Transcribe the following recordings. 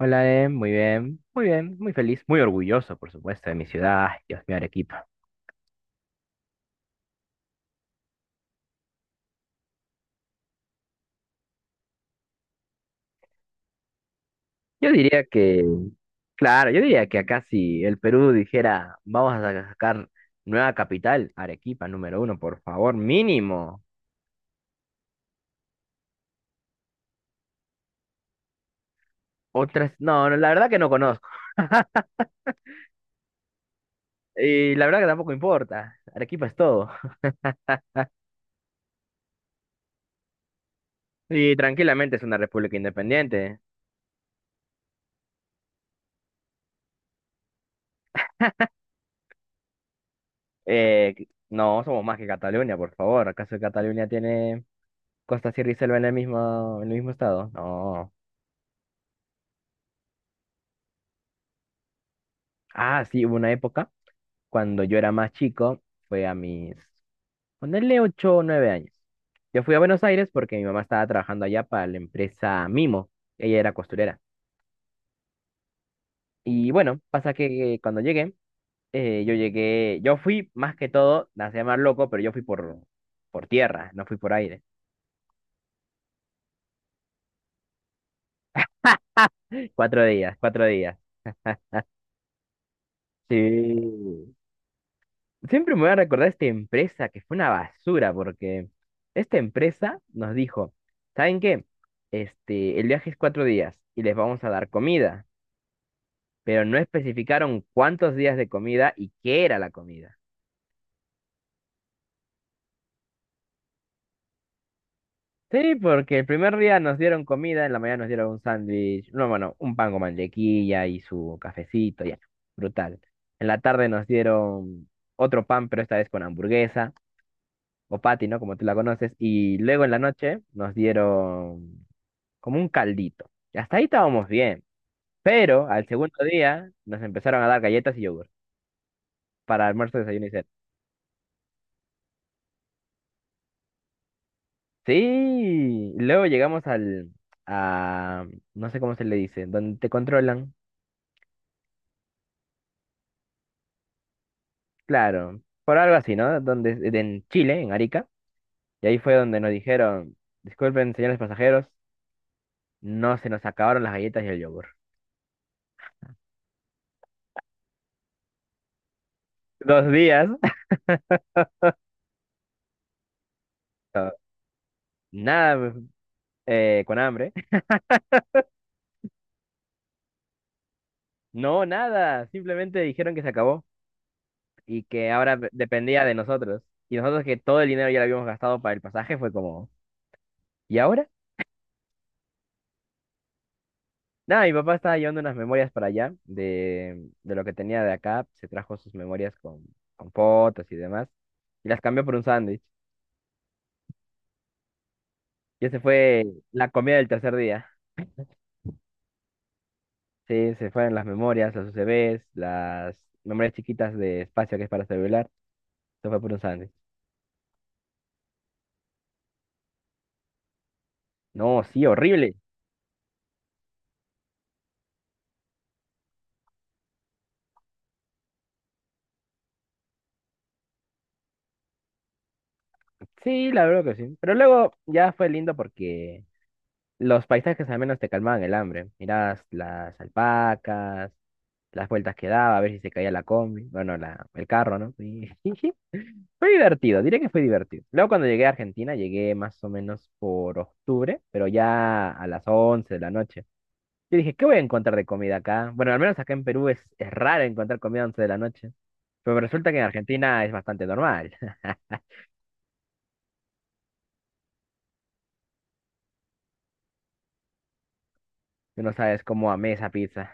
Hola, muy bien, muy bien, muy feliz, muy orgulloso, por supuesto, de mi ciudad, ay, Dios mío, Arequipa. Yo diría que, claro, yo diría que acá si el Perú dijera, vamos a sacar nueva capital, Arequipa número uno, por favor, mínimo. Otras, no, no, la verdad que no conozco. Y la verdad que tampoco importa, Arequipa es todo. Y tranquilamente es una república independiente. No, somos más que Cataluña, por favor. ¿Acaso Cataluña tiene Costa, Sierra y Selva en el mismo estado? No. Ah, sí, hubo una época cuando yo era más chico, fue a mis, ponerle 8 o nueve años. Yo fui a Buenos Aires porque mi mamá estaba trabajando allá para la empresa Mimo. Ella era costurera. Y bueno, pasa que cuando llegué, yo fui más que todo, la hacía más loco, pero yo fui por tierra, no fui por aire. 4 días, 4 días. Sí. Siempre me voy a recordar esta empresa que fue una basura, porque esta empresa nos dijo, ¿saben qué? Este, el viaje es 4 días y les vamos a dar comida, pero no especificaron cuántos días de comida y qué era la comida. Sí, porque el primer día nos dieron comida, en la mañana nos dieron un sándwich, no, bueno, un pan con mantequilla y su cafecito, ya, brutal. En la tarde nos dieron otro pan, pero esta vez con hamburguesa, o patty, ¿no? Como tú la conoces, y luego en la noche nos dieron como un caldito. Y hasta ahí estábamos bien. Pero al segundo día nos empezaron a dar galletas y yogur para almuerzo, desayuno y cena. Sí, luego llegamos a, no sé cómo se le dice, donde te controlan, claro, por algo así, ¿no? Donde, en Chile, en Arica, y ahí fue donde nos dijeron, disculpen, señores pasajeros, no se nos acabaron las galletas y el yogur. 2 días, nada, con hambre. No, nada, simplemente dijeron que se acabó, y que ahora dependía de nosotros. Y nosotros que todo el dinero ya lo habíamos gastado para el pasaje, fue como, ¿y ahora? Nada, mi papá estaba llevando unas memorias para allá de lo que tenía de acá, se trajo sus memorias con fotos y demás, y las cambió por un sándwich. Y ese fue la comida del tercer día. Sí, se fueron las memorias, los UCBs, las memorias chiquitas de espacio que es para celular, se fue por un sándwich. No, sí, horrible. Sí, la verdad que sí. Pero luego ya fue lindo porque los paisajes al menos te calmaban el hambre. Mirabas las alpacas, las vueltas que daba, a ver si se caía la combi, bueno, la, el carro, ¿no? Y, y sí, fue divertido, diré que fue divertido. Luego cuando llegué a Argentina, llegué más o menos por octubre, pero ya a las 11 de la noche. Yo dije, ¿qué voy a encontrar de comida acá? Bueno, al menos acá en Perú es raro encontrar comida a 11 de la noche, pero resulta que en Argentina es bastante normal. Tú no sabes cómo amé esa pizza.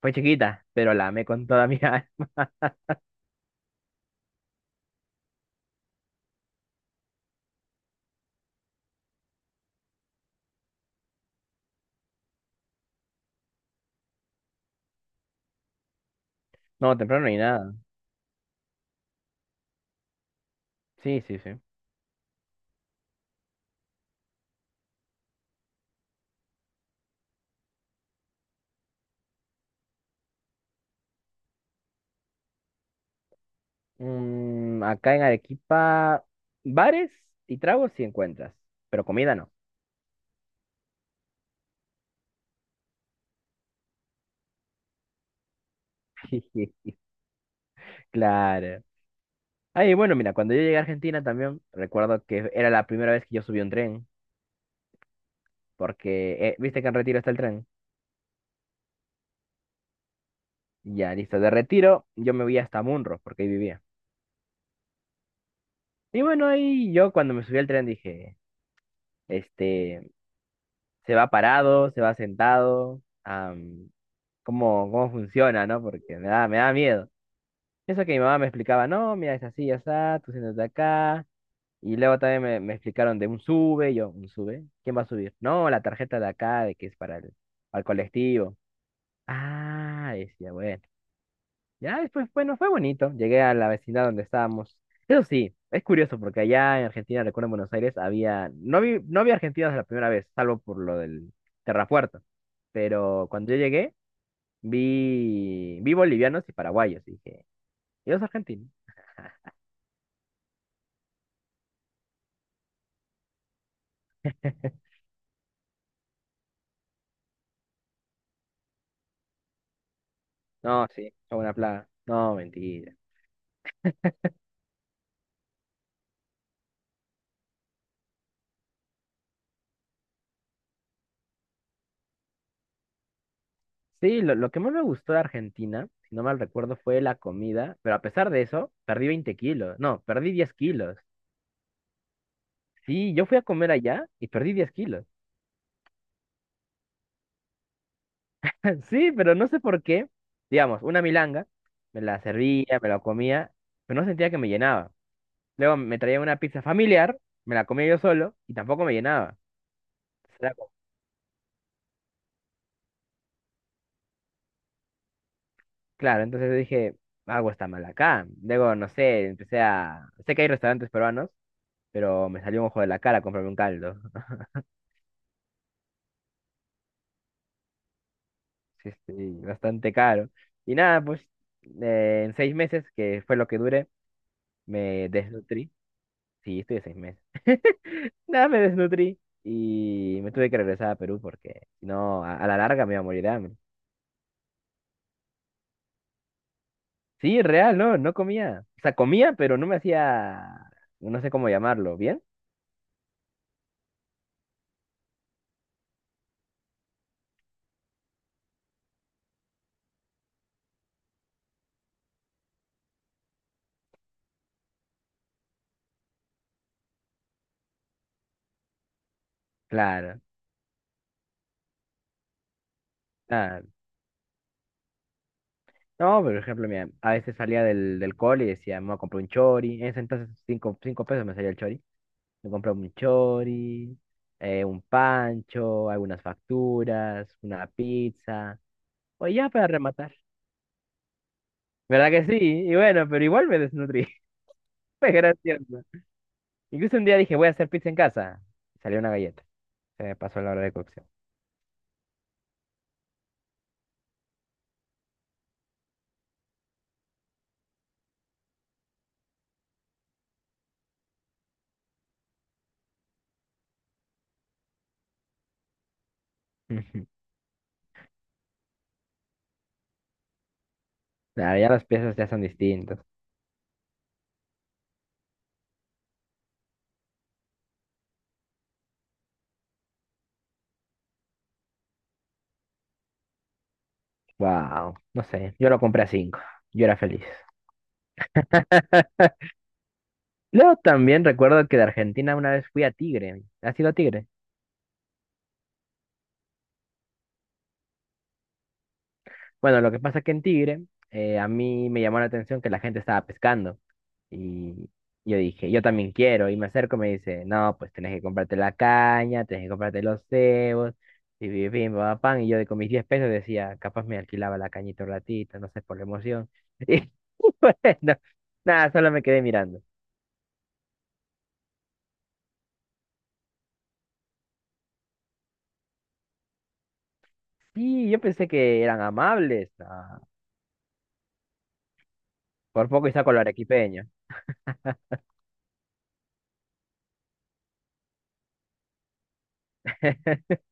Fue chiquita, pero la amé con toda mi alma. No, temprano ni nada. Sí, sí, sí. Mm, acá en Arequipa, bares y tragos sí encuentras, pero comida no. Claro. Ay, bueno, mira, cuando yo llegué a Argentina también, recuerdo que era la primera vez que yo subí un tren, porque, viste que en Retiro está el tren. Ya, listo, de Retiro yo me voy hasta Munro, porque ahí vivía. Y bueno, ahí yo cuando me subí al tren dije, este, se va parado, se va sentado, ¿cómo funciona, no? Porque me da miedo. Eso que mi mamá me explicaba, no, mira, es así, ya está, tú siéntate acá. Y luego también me explicaron de un sube, y yo, ¿un sube? ¿Quién va a subir? No, la tarjeta de acá, de que es al colectivo. Ah, decía, bueno. Ya después, bueno, fue bonito. Llegué a la vecindad donde estábamos. Eso sí, es curioso porque allá en Argentina, recuerdo en Buenos Aires, había, no vi argentinos la primera vez, salvo por lo del terrapuerto. Pero cuando yo llegué, vi bolivianos y paraguayos. Y dije, ellos argentinos. No, sí, es una plaga. No, mentira. Sí, lo que más me gustó de Argentina, si no mal recuerdo, fue la comida, pero a pesar de eso, perdí 20 kilos. No, perdí 10 kilos. Sí, yo fui a comer allá y perdí 10 kilos. Sí, pero no sé por qué. Digamos, una milanga, me la servía, me la comía, pero no sentía que me llenaba. Luego me traía una pizza familiar, me la comía yo solo y tampoco me llenaba. Era como- Claro, entonces dije, algo está mal acá. Luego, no sé, Sé que hay restaurantes peruanos pero me salió un ojo de la cara comprarme un caldo. Sí, sí, bastante caro. Y nada, pues en 6 meses, que fue lo que duré, me desnutrí. Sí, estuve 6 meses. Nada, me desnutrí y me tuve que regresar a Perú porque si no, a la larga me iba a morir de hambre. Sí, real, no, no comía. O sea, comía, pero no me hacía, no sé cómo llamarlo, ¿bien? Claro. Ah, no, por ejemplo, mira, a veces salía del cole y decía, me voy a comprar un chori. En ese entonces, cinco pesos me salía el chori. Me compré un chori, un pancho, algunas facturas, una pizza. O ya para rematar. ¿Verdad que sí? Y bueno, pero igual me desnutrí. Fue gracioso. Incluso un día dije, voy a hacer pizza en casa. Salió una galleta. Se me pasó la hora de cocción. Ujú. Claro, ya las piezas ya son distintas. Wow, no sé. Yo lo compré a cinco. Yo era feliz. Luego también recuerdo que de Argentina una vez fui a Tigre. ¿Has ido a Tigre? Bueno, lo que pasa es que en Tigre, a mí me llamó la atención que la gente estaba pescando. Y yo dije, yo también quiero. Y me acerco y me dice, no, pues tenés que comprarte la caña, tenés que comprarte los cebos. Y vi- vi, pa, pa, pan. Y yo de- con mis 10 pesos decía, capaz me alquilaba la cañita un ratito, no sé, por la emoción. Y bueno, nada, solo me quedé mirando. Sí, yo pensé que eran amables. Ah, por poco y saco lo arequipeño.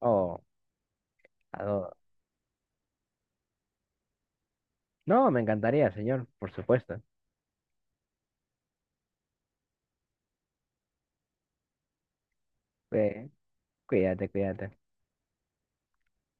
Oh, adoro. No, me encantaría, señor, por supuesto. Cuídate, cuídate.